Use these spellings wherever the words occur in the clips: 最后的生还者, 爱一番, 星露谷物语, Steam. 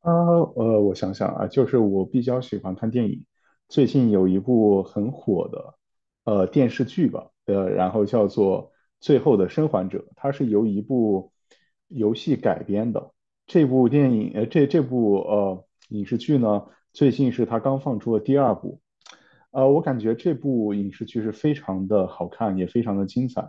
啊，我想想啊，就是我比较喜欢看电影。最近有一部很火的，电视剧吧，然后叫做《最后的生还者》，它是由一部游戏改编的。这部电影，呃，这部影视剧呢，最近是它刚放出的第二部。我感觉这部影视剧是非常的好看，也非常的精彩。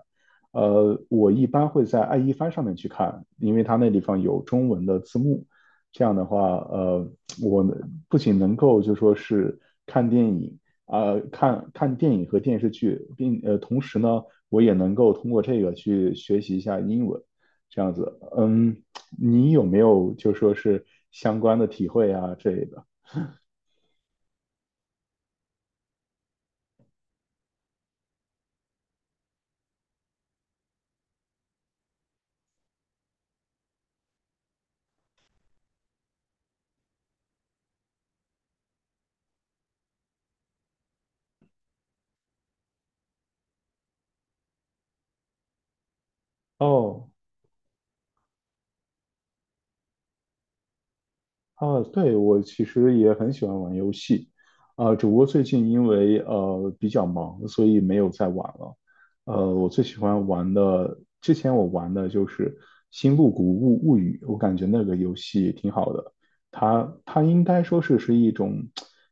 我一般会在爱一番上面去看，因为它那地方有中文的字幕。这样的话，呃，我不仅能够就说是看电影看电影和电视剧，并同时呢，我也能够通过这个去学习一下英文，这样子。嗯，你有没有就说是相关的体会啊之类的？哦，啊，对，我其实也很喜欢玩游戏，啊，只不过最近因为比较忙，所以没有再玩了。呃，我最喜欢玩的，之前我玩的就是《星露谷物物语》，我感觉那个游戏挺好的。它应该说是是一种，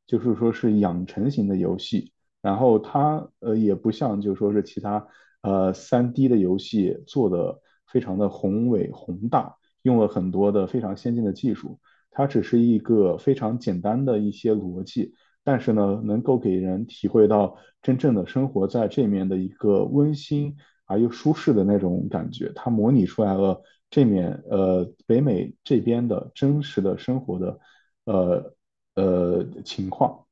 就是说是养成型的游戏。然后它也不像就说是其他三 d 的游戏做的非常的宏伟宏大，用了很多的非常先进的技术。它只是一个非常简单的一些逻辑，但是呢，能够给人体会到真正的生活在这面的一个温馨而又舒适的那种感觉。它模拟出来了这面北美这边的真实的生活的呃情况。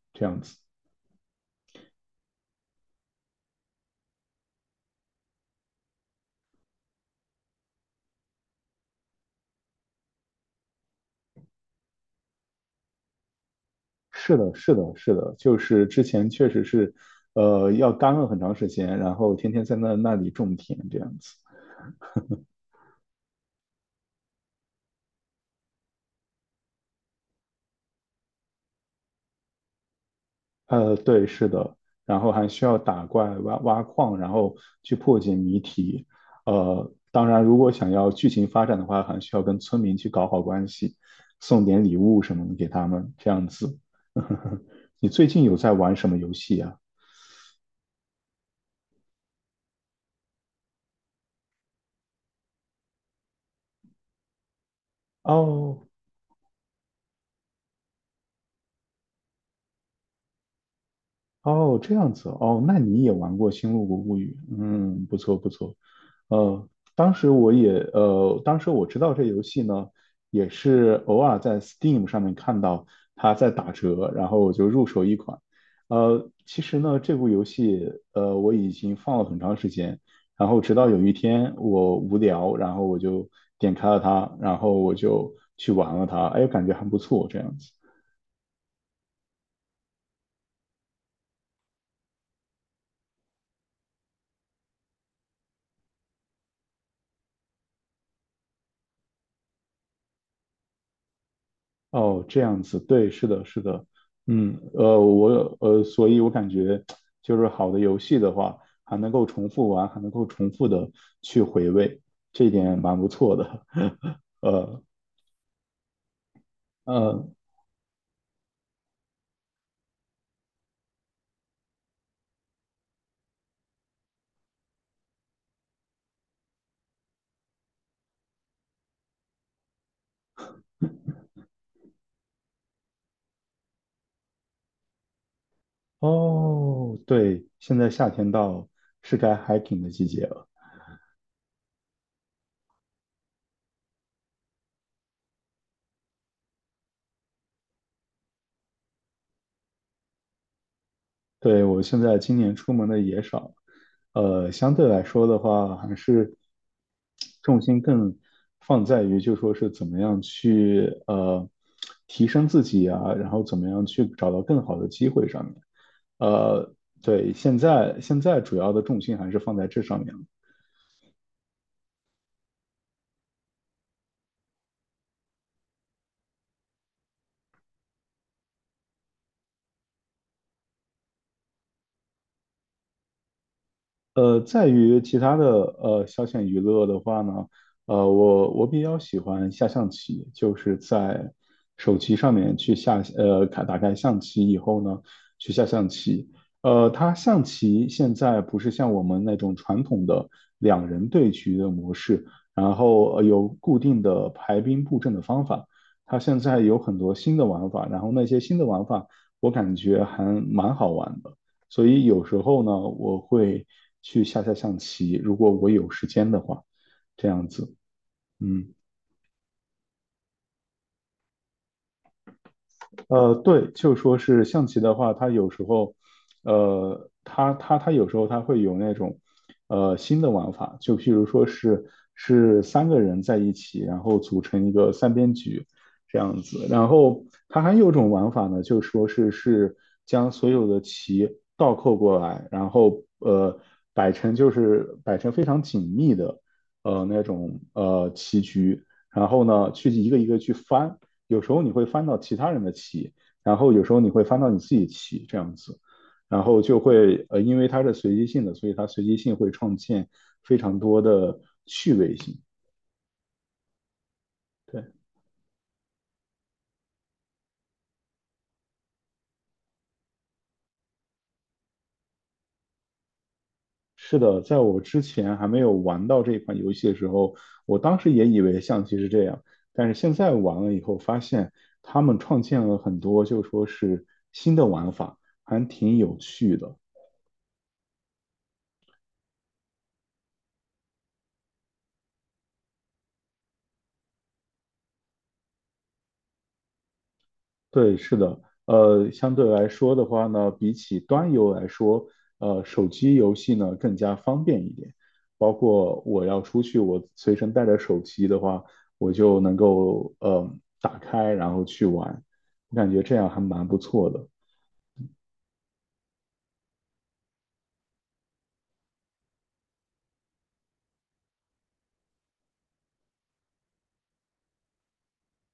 是的，是的，是的，就是之前确实是，呃，要干了很长时间，然后天天在那里种田这样子。呃，对，是的，然后还需要打怪、挖矿，然后去破解谜题。呃，当然，如果想要剧情发展的话，还需要跟村民去搞好关系，送点礼物什么的给他们，这样子。你最近有在玩什么游戏啊？哦，哦，这样子哦，那你也玩过《星露谷物语》？嗯，不错不错。呃，当时我也呃，当时我知道这游戏呢，也是偶尔在 Steam 上面看到它在打折，然后我就入手一款。呃，其实呢，这部游戏我已经放了很长时间，然后直到有一天我无聊，然后我就点开了它，然后我就去玩了它，哎，感觉还不错，这样子。哦，这样子，对，是的，是的，嗯，呃，我所以我感觉就是好的游戏的话，还能够重复玩，还能够重复的去回味，这一点蛮不错的。呃呃，哦，对，现在夏天到了，是该 hiking 的季节了。对，我现在今年出门的也少，呃，相对来说的话，还是重心更放在于就说是怎么样去提升自己啊，然后怎么样去找到更好的机会上面。呃，对，现在主要的重心还是放在这上面了。呃，在于其他的消遣娱乐的话呢，呃，我比较喜欢下象棋，就是在手机上面去下开打开象棋以后呢，去下象棋。呃，它象棋现在不是像我们那种传统的两人对局的模式，然后有固定的排兵布阵的方法，它现在有很多新的玩法，然后那些新的玩法我感觉还蛮好玩的。所以有时候呢，我会去下下象棋，如果我有时间的话，这样子，嗯。呃，对，就说是象棋的话，它有时候，呃，它有时候它会有那种，呃，新的玩法，就譬如说是是三个人在一起，然后组成一个三边局这样子。然后它还有一种玩法呢，就说是是将所有的棋倒扣过来，然后摆成就是摆成非常紧密的那种棋局，然后呢去一个一个去翻。有时候你会翻到其他人的棋，然后有时候你会翻到你自己棋这样子，然后就会呃，因为它是随机性的，所以它随机性会创建非常多的趣味性。对，是的，在我之前还没有玩到这款游戏的时候，我当时也以为象棋是这样，但是现在玩了以后发现，他们创建了很多就说是新的玩法，还挺有趣的。对，是的，呃，相对来说的话呢，比起端游来说，呃，手机游戏呢更加方便一点。包括我要出去，我随身带着手机的话，我就能够打开，然后去玩。我感觉这样还蛮不错的。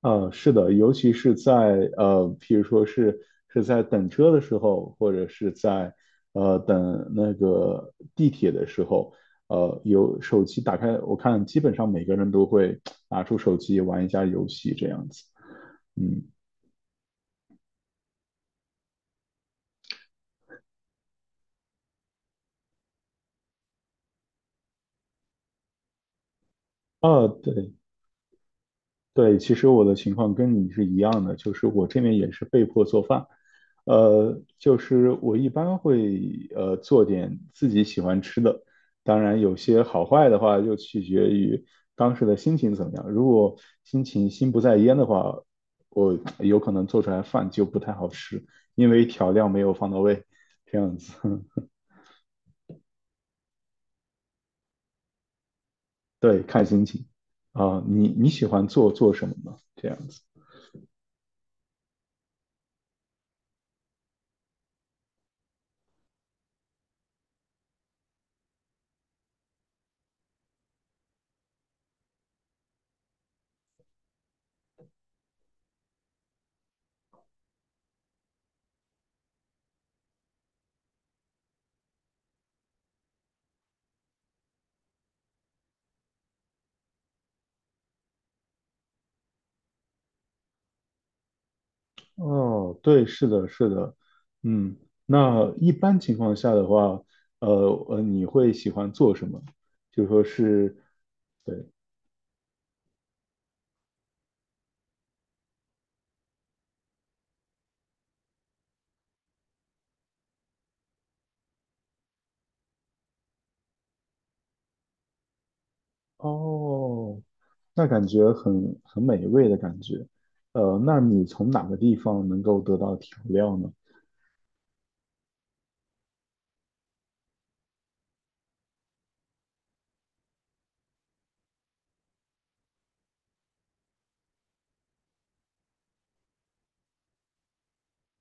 呃，是的，尤其是在呃，譬如说是是在等车的时候，或者是在等那个地铁的时候，呃，有手机打开，我看基本上每个人都会拿出手机玩一下游戏这样子。嗯，呃，对。对，其实我的情况跟你是一样的，就是我这边也是被迫做饭，呃，就是我一般会做点自己喜欢吃的，当然有些好坏的话就取决于当时的心情怎么样。如果心情心不在焉的话，我有可能做出来饭就不太好吃，因为调料没有放到位，这样子。对，看心情。啊、你喜欢做做什么呢？这样子。哦，对，是的，是的，嗯，那一般情况下的话，呃你会喜欢做什么？就说是，对，哦，那感觉很美味的感觉。呃，那你从哪个地方能够得到调料呢？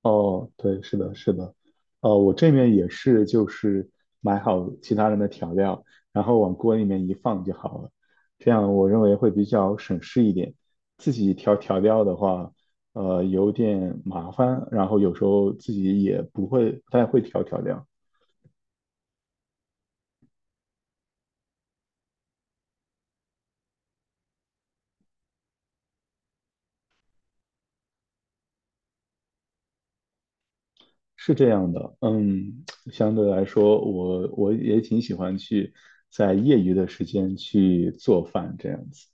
哦，对，是的，是的，呃，我这面也是，就是买好其他人的调料，然后往锅里面一放就好了，这样我认为会比较省事一点。自己调调料的话，呃，有点麻烦，然后有时候自己也不会，不太会调调料，是这样的。嗯，相对来说，我也挺喜欢去在业余的时间去做饭这样子。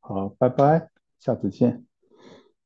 好，拜拜，下次见。